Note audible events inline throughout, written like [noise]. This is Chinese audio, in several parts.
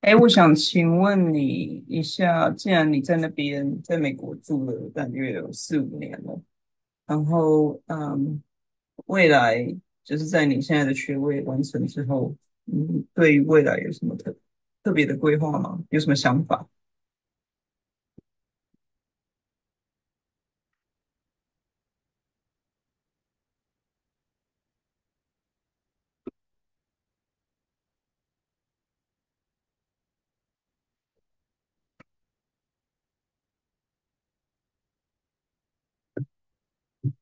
哎，我想请问你一下，既然你在那边，在美国住了大约有四五年了，然后未来就是在你现在的学位完成之后，你对于未来有什么特别的规划吗？有什么想法？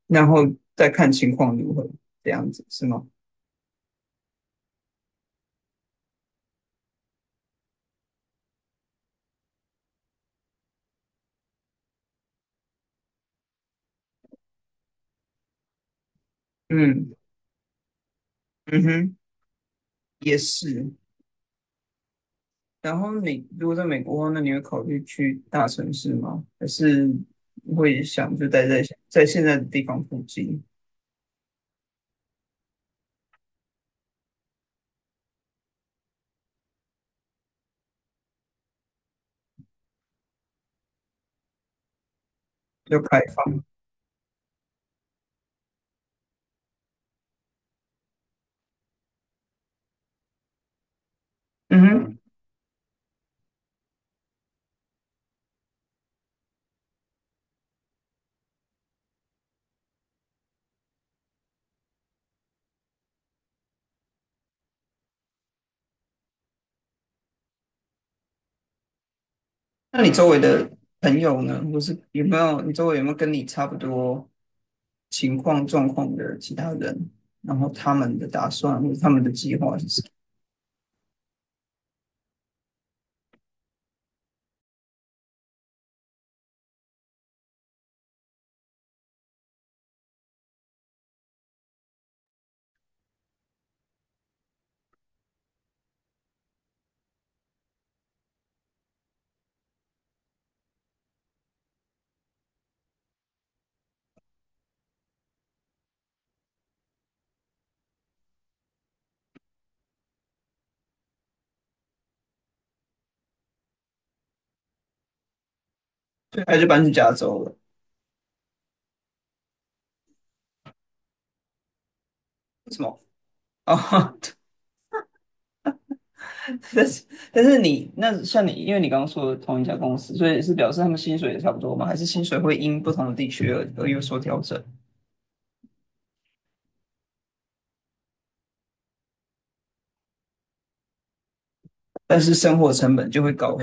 然后再看情况如何，这样子是吗？嗯，嗯哼，也是。然后你如果在美国的话，那你会考虑去大城市吗？还是会想就待在现在的地方附近，就开放？嗯哼，那你周围的朋友呢？或是有没有你周围有没有跟你差不多情况状况的其他人？然后他们的打算或者他们的计划是什么？对，还是搬去加州了？为什么？哦，[laughs] [laughs] 但是但是你那像你，因为你刚刚说的同一家公司，所以是表示他们薪水也差不多吗？还是薪水会因不同的地区而有所调整？但是生活成本就会高。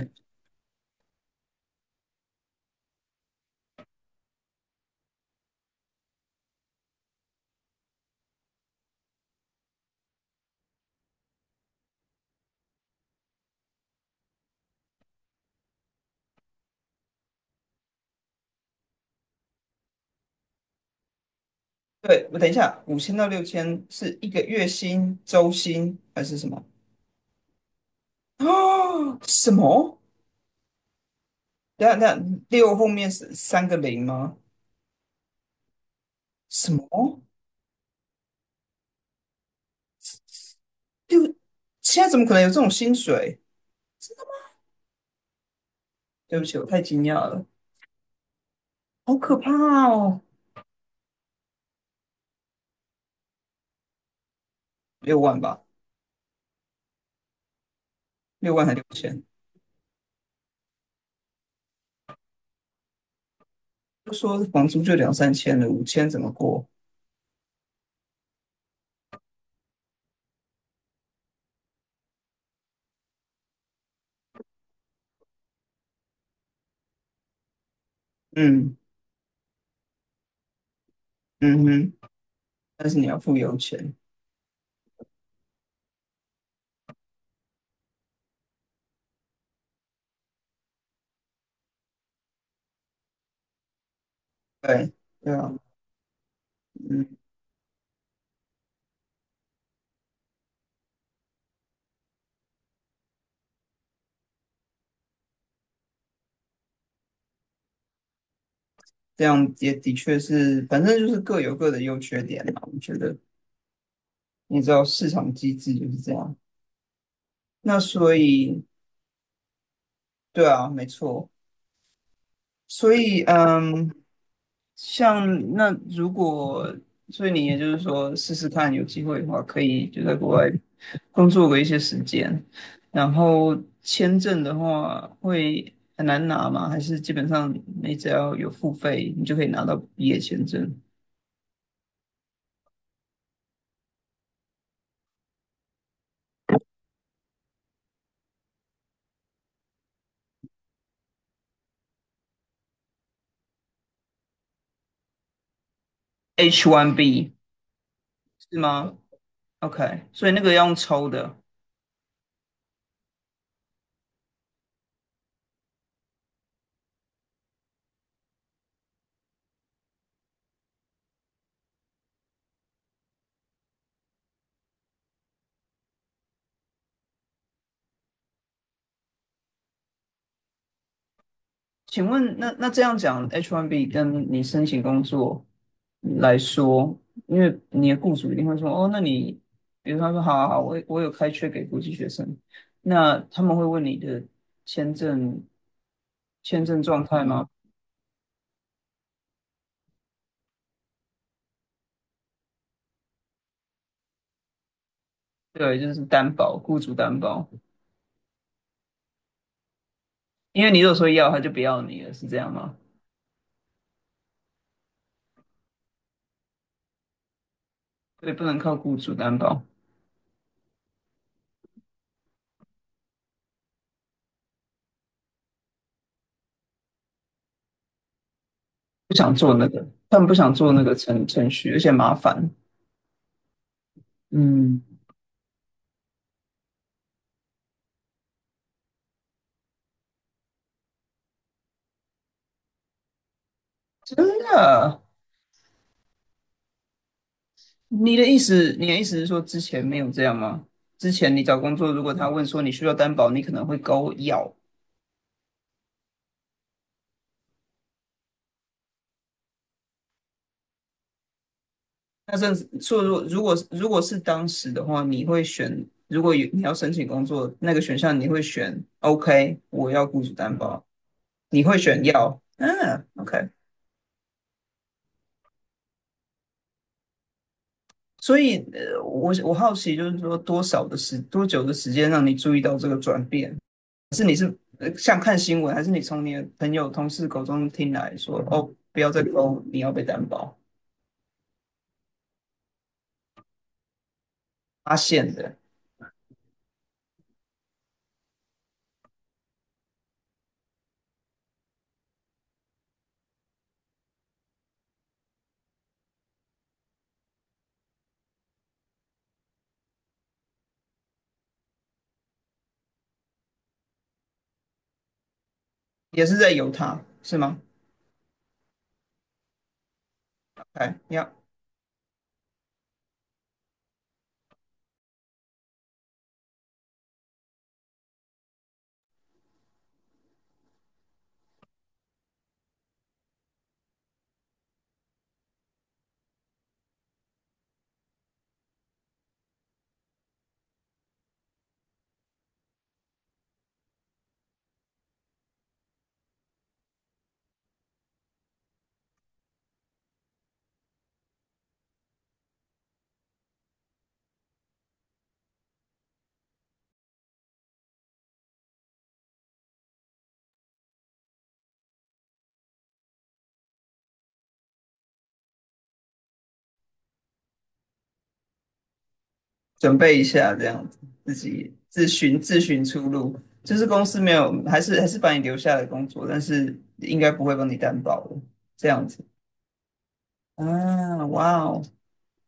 对，我等一下，五千到六千是一个月薪、周薪还是什么？[gasps] 啊，什么？等一下等一下，六后面是三个零吗？什么？六？现在怎么可能有这种薪水？对不起，我太惊讶了，好可怕哦！六万吧，六万还六千？就说房租就两三千了，五千怎么过？嗯，嗯哼，但是你要付油钱，对，对啊，嗯，这样也的确是，反正就是各有各的优缺点嘛。我觉得你知道市场机制就是这样，那所以对啊，没错，所以像那如果，所以你也就是说试试看，有机会的话可以就在国外工作个一些时间。然后签证的话会很难拿吗？还是基本上你只要有付费，你就可以拿到毕业签证？H1B 是吗？OK，所以那个要用抽的。请问，那这样讲，H1B 跟你申请工作来说，因为你的雇主一定会说，哦，那你，比如他说，好好好，我有开缺给国际学生，那他们会问你的签证签证状态吗？对，就是担保，雇主担保，因为你如果说要，他就不要你了，是这样吗？对，不能靠雇主担保，不想，他们不想做那个程序，而且麻烦，嗯，真的。你的意思是说之前没有这样吗？之前你找工作，如果他问说你需要担保，你可能会勾要。那甚至说，如果是当时的话，你会选，如果有你要申请工作那个选项，你会选 OK，我要雇主担保，你会选要，OK。所以，我好奇，就是说多久的时间让你注意到这个转变？像看新闻，还是你从你的朋友、同事口中听来说，哦，不要再勾，你要被担保。发现的，也是在犹他，是吗？OK，要准备一下，这样子自己自寻出路。就是公司没有，还是把你留下来工作，但是应该不会帮你担保的，这样子。啊，哇哦，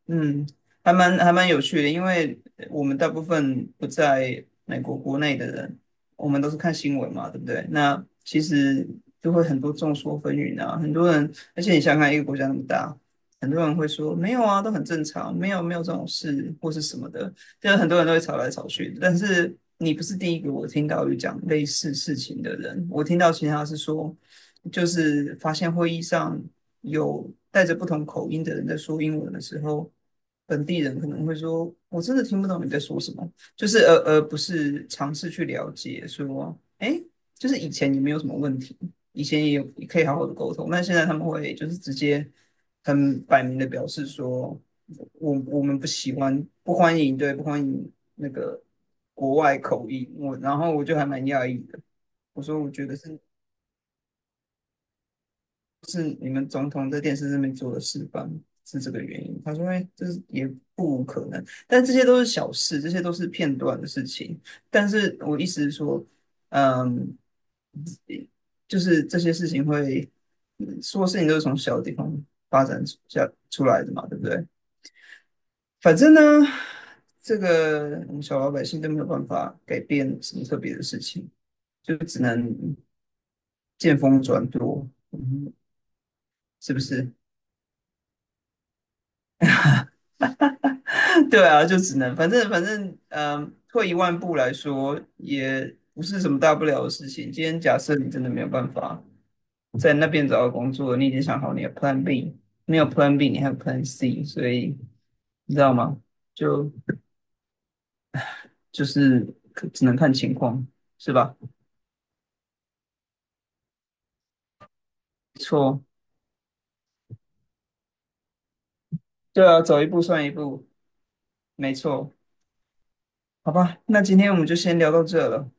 嗯，还蛮有趣的，因为我们大部分不在美国国内的人，我们都是看新闻嘛，对不对？那其实就会很多众说纷纭啊，很多人，而且你想想看一个国家那么大，很多人会说没有啊，都很正常，没有没有这种事或是什么的，就是很多人都会吵来吵去。但是你不是第一个我听到有讲类似事情的人，我听到其他是说，就是发现会议上。有带着不同口音的人在说英文的时候，本地人可能会说：“我真的听不懂你在说什么。”就是而不是尝试去了解说，哎，就是以前也没有什么问题，以前也有也可以好好的沟通，但现在他们会就是直接很摆明的表示说，我们不喜欢，不欢迎，对，不欢迎那个国外口音。我然后我就还蛮讶异的，我说我觉得是你们总统在电视上面做的示范，是这个原因。他说，哎，这是也不无可能，但这些都是小事，这些都是片段的事情。但是我意思是说，嗯，就是这些事情会，说事情都是从小的地方发展下出来的嘛，对不对？反正呢，这个我们小老百姓都没有办法改变什么特别的事情，就只能见风转舵，嗯，是不是？[laughs] 对啊，就只能反正，退一万步来说，也不是什么大不了的事情。今天假设你真的没有办法在那边找到工作，你已经想好你的 Plan B，没有 Plan B，你还有 Plan C，所以你知道吗？就就是可只能看情况，是吧？没错，对啊，走一步算一步，没错，好吧，那今天我们就先聊到这了。